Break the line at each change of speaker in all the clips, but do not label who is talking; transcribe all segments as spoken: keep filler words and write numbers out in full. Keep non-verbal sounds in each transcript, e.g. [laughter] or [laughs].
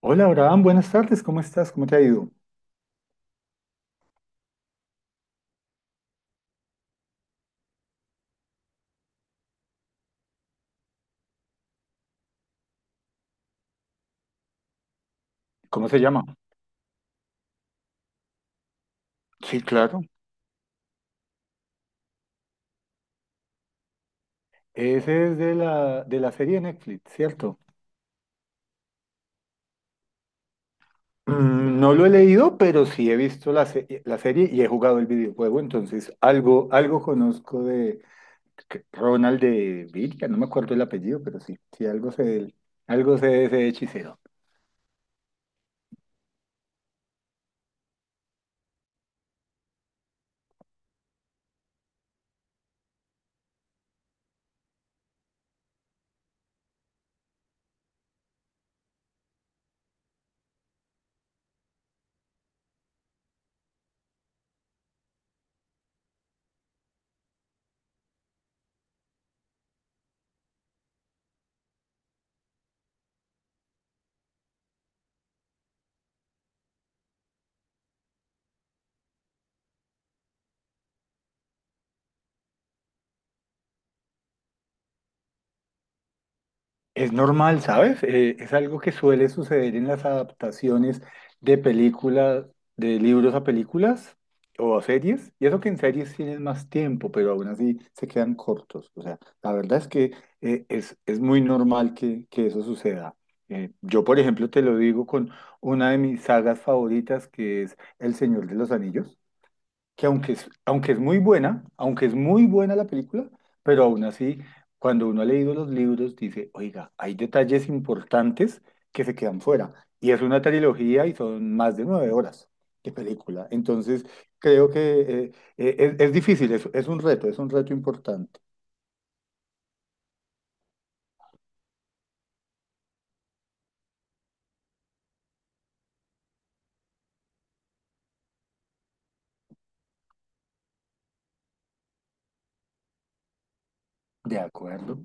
Hola, Abraham, buenas tardes, ¿cómo estás? ¿Cómo te ha ido? ¿Cómo se llama? Sí, claro. Ese es de la, de la serie de Netflix, ¿cierto? Mm, no lo he leído, pero sí he visto la, se- la serie y he jugado el videojuego, entonces algo, algo conozco de que- Ronald de Villa, no me acuerdo el apellido, pero sí, sí, algo sé de él, algo sé de ese hechicero. Es normal, ¿sabes? Eh, es algo que suele suceder en las adaptaciones de películas, de libros a películas o a series. Y eso que en series tienen más tiempo, pero aún así se quedan cortos. O sea, la verdad es que eh, es, es muy normal que, que eso suceda. Eh, yo, por ejemplo, te lo digo con una de mis sagas favoritas, que es El Señor de los Anillos, que aunque es, aunque es muy buena, aunque es muy buena la película, pero aún así, cuando uno ha leído los libros, dice, oiga, hay detalles importantes que se quedan fuera. Y es una trilogía y son más de nueve horas de película. Entonces, creo que eh, eh, es, es difícil, es, es un reto, es un reto, importante. De acuerdo.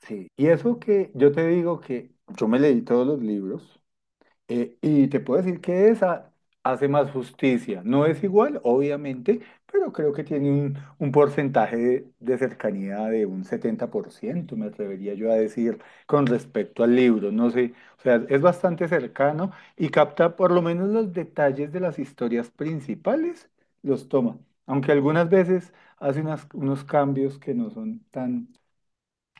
Sí. Y eso que yo te digo que yo me leí todos los libros. Eh, y te puedo decir que esa hace más justicia. No es igual, obviamente, pero creo que tiene un, un porcentaje de, de cercanía de un setenta por ciento me atrevería yo a decir, con respecto al libro. No sé, o sea, es bastante cercano y capta por lo menos los detalles de las historias principales, los toma. Aunque algunas veces hace unas- unos cambios que no son tan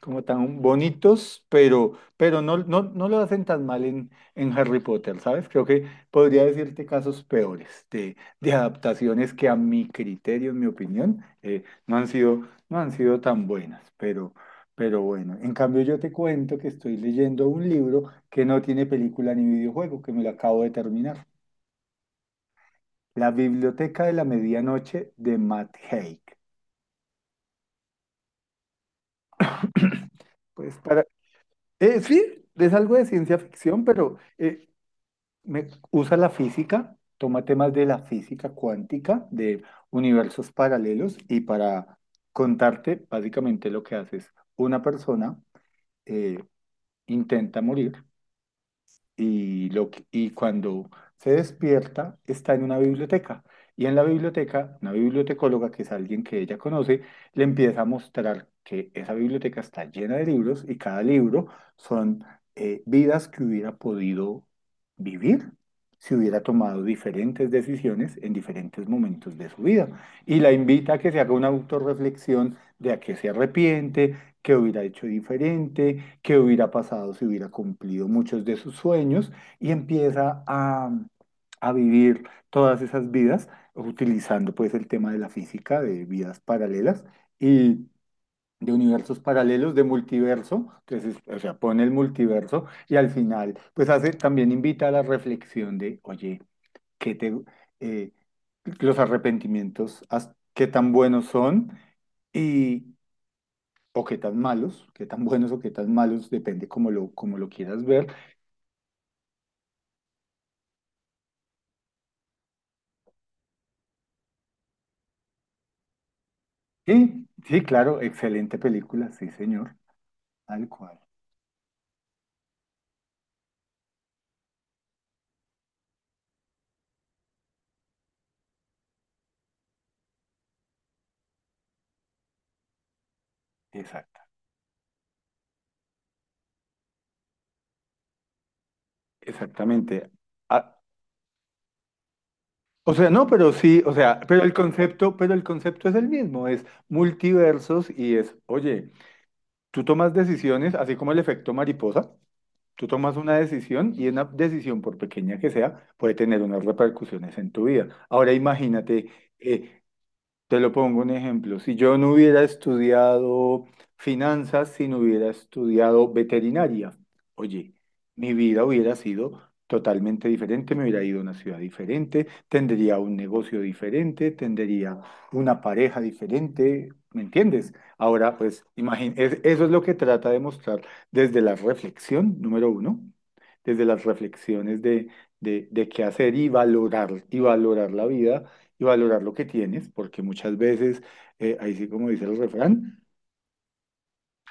como tan bonitos, pero, pero no, no, no lo hacen tan mal en, en Harry Potter, ¿sabes? Creo que podría decirte casos peores de, de adaptaciones que a mi criterio, en mi opinión, eh, no han sido, no han sido tan buenas, pero, pero bueno, en cambio yo te cuento que estoy leyendo un libro que no tiene película ni videojuego, que me lo acabo de terminar. La Biblioteca de la Medianoche de Matt Haig. [clears throat] Pues para... eh, sí, es algo de ciencia ficción, pero eh, me- usa la física, toma temas de la física cuántica, de universos paralelos y para contarte básicamente lo que haces. Una persona eh, intenta morir y, lo, que- y cuando se despierta está en una biblioteca. Y en la biblioteca, una bibliotecóloga, que es alguien que ella conoce, le empieza a mostrar que esa biblioteca está llena de libros y cada libro son eh, vidas que hubiera podido vivir si hubiera tomado diferentes decisiones en diferentes momentos de su vida. Y la invita a que se haga una autorreflexión de a qué se arrepiente, qué hubiera hecho diferente, qué hubiera pasado si hubiera cumplido muchos de sus sueños y empieza a, a vivir todas esas vidas utilizando pues el tema de la física, de vidas paralelas y de universos paralelos, de multiverso, entonces, o sea, pone el multiverso y al final pues hace, también invita a la reflexión de, oye, ¿qué te, eh, los arrepentimientos, as- qué tan buenos son? O qué tan malos, qué tan buenos o qué tan malos, depende como lo, como lo quieras ver. Y sí, claro, excelente película, sí, señor, tal cual. Exacto, exactamente. Ah, o sea, no, pero sí, o sea, pero el concepto, pero el concepto es el mismo, es multiversos y es, oye, tú tomas decisiones, así como el efecto mariposa, tú tomas una decisión y una decisión, por pequeña que sea, puede tener unas repercusiones en tu vida. Ahora imagínate eh, Te lo pongo un ejemplo. Si yo no hubiera estudiado finanzas, si no hubiera estudiado veterinaria, oye, mi vida hubiera sido totalmente diferente, me hubiera ido a una ciudad diferente, tendría un negocio diferente, tendría una pareja diferente, ¿me entiendes? Ahora, pues, imagín- es- eso es lo que trata de mostrar desde la reflexión, número uno, desde las reflexiones de, de, de qué hacer y valorar, y valorar la vida y valorar lo que tienes, porque muchas veces, eh, ahí sí como dice el refrán,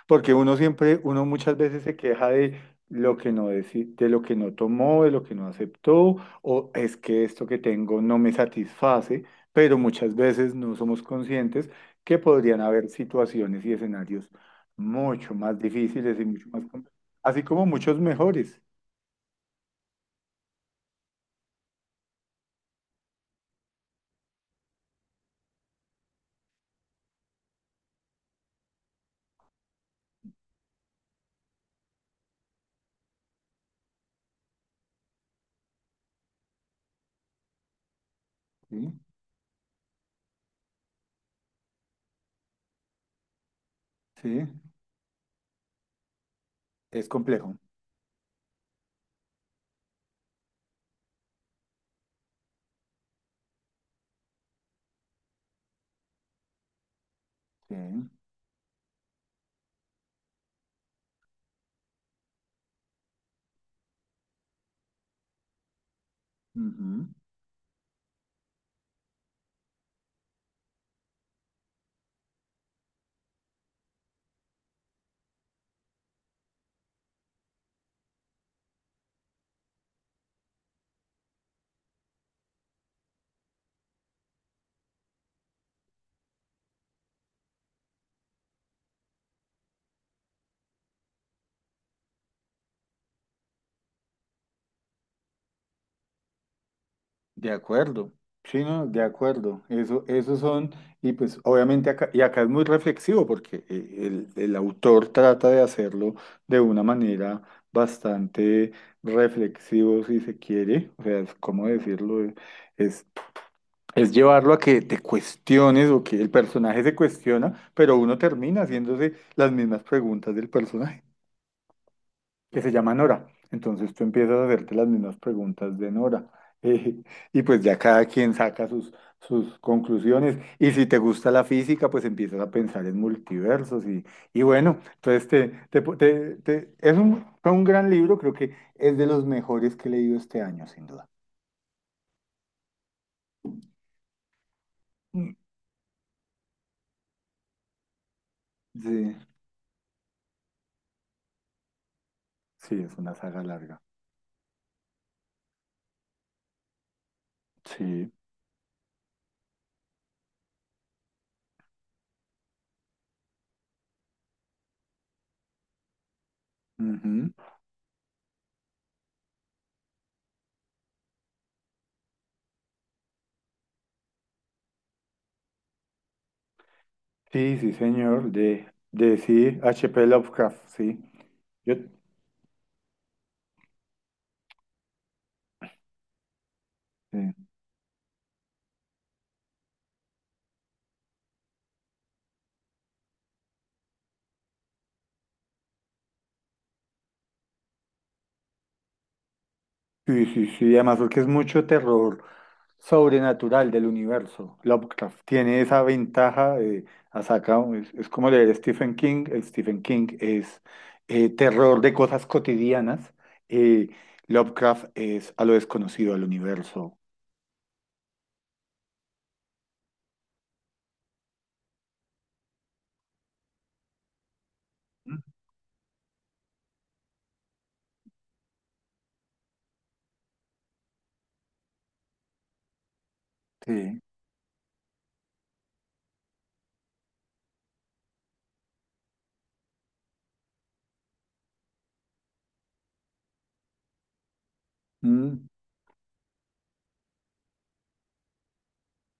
porque uno siempre, uno muchas veces se queja de lo que no deci- de lo que no tomó, de lo que no aceptó, o es que esto que tengo no me satisface, pero muchas veces no somos conscientes que podrían haber situaciones y escenarios mucho más difíciles y mucho más complejos, así como muchos mejores, ¿sí? Sí, es complejo. Sí. Ujú. De acuerdo, sí, no, de acuerdo. Eso, esos son, y pues obviamente acá, y acá es muy reflexivo porque eh, el, el autor trata de hacerlo de una manera bastante reflexivo, si se quiere. O sea, es, ¿cómo decirlo? Eh, Es, es llevarlo a que te cuestiones o que el personaje se cuestiona, pero uno termina haciéndose las mismas preguntas del personaje que se llama Nora. Entonces tú empiezas a hacerte las mismas preguntas de Nora. [laughs] eh, y pues ya cada quien saca sus, sus conclusiones. Y si te gusta la física, pues empiezas a pensar en multiversos. Y, y bueno, entonces te, te, te- te- es un, fue un gran libro, creo que es de los mejores que he leído este año, sin duda. Mm. Sí, sí, es una saga larga. Sí. Ujú. Sí, sí, señor, de, de, sí, H P. Lovecraft, sí. Yo, sí. Sí, sí, sí, además porque es mucho terror sobrenatural del universo. Lovecraft tiene esa ventaja, de ha es, es como leer Stephen King, el Stephen King es eh, terror de cosas cotidianas, eh, Lovecraft es a lo desconocido, al universo. Mm. Sí. Mm.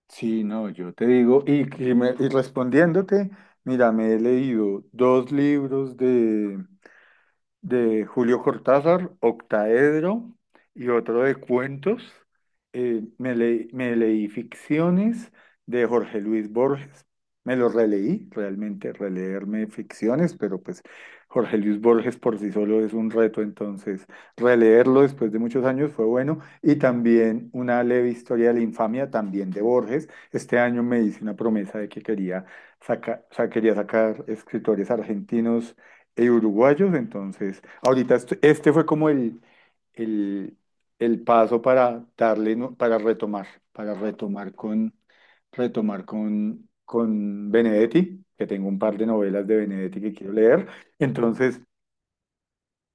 Sí, no, yo te digo, y, y me- y respondiéndote, mira, me he leído dos libros de Julio Cortázar, Octaedro y otro de cuentos. Eh, me leí, me leí Ficciones de Jorge Luis Borges. Me lo releí, realmente releerme Ficciones, pero pues Jorge Luis Borges por sí solo es un reto, entonces releerlo después de muchos años fue bueno. Y también una leve historia de la infamia, también de Borges. Este año me hice una promesa de que quería, saca- sa- quería sacar escritores argentinos eh, uruguayos, entonces, ahorita est- este fue como el, el, el paso para darle, ¿no? Para retomar, para retomar con, retomar con, con Benedetti, que tengo un par de novelas de Benedetti que quiero leer. Entonces,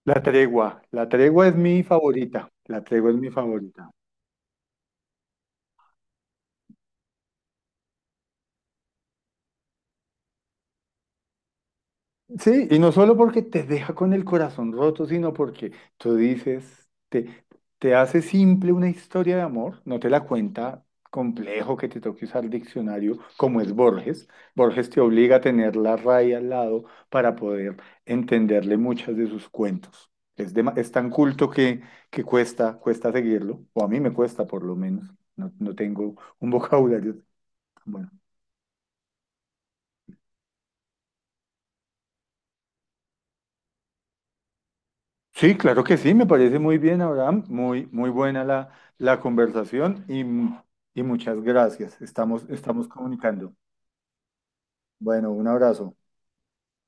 La Tregua, La Tregua es mi favorita, La Tregua es mi favorita. Sí, y no solo porque te deja con el corazón roto, sino porque tú dices, te, te hace simple una historia de amor, no te la cuenta complejo que te toque usar diccionario como es Borges. Borges te obliga a tener la raya al lado para poder entenderle muchas de sus cuentos. Es, dema- es tan culto que, que cuesta, cuesta seguirlo, o a mí me cuesta por lo menos, no, no tengo un vocabulario tan bueno. Sí, claro que sí, me parece muy bien, Abraham. Muy, muy buena la, la conversación y, y muchas gracias. Estamos, estamos comunicando. Bueno, un abrazo.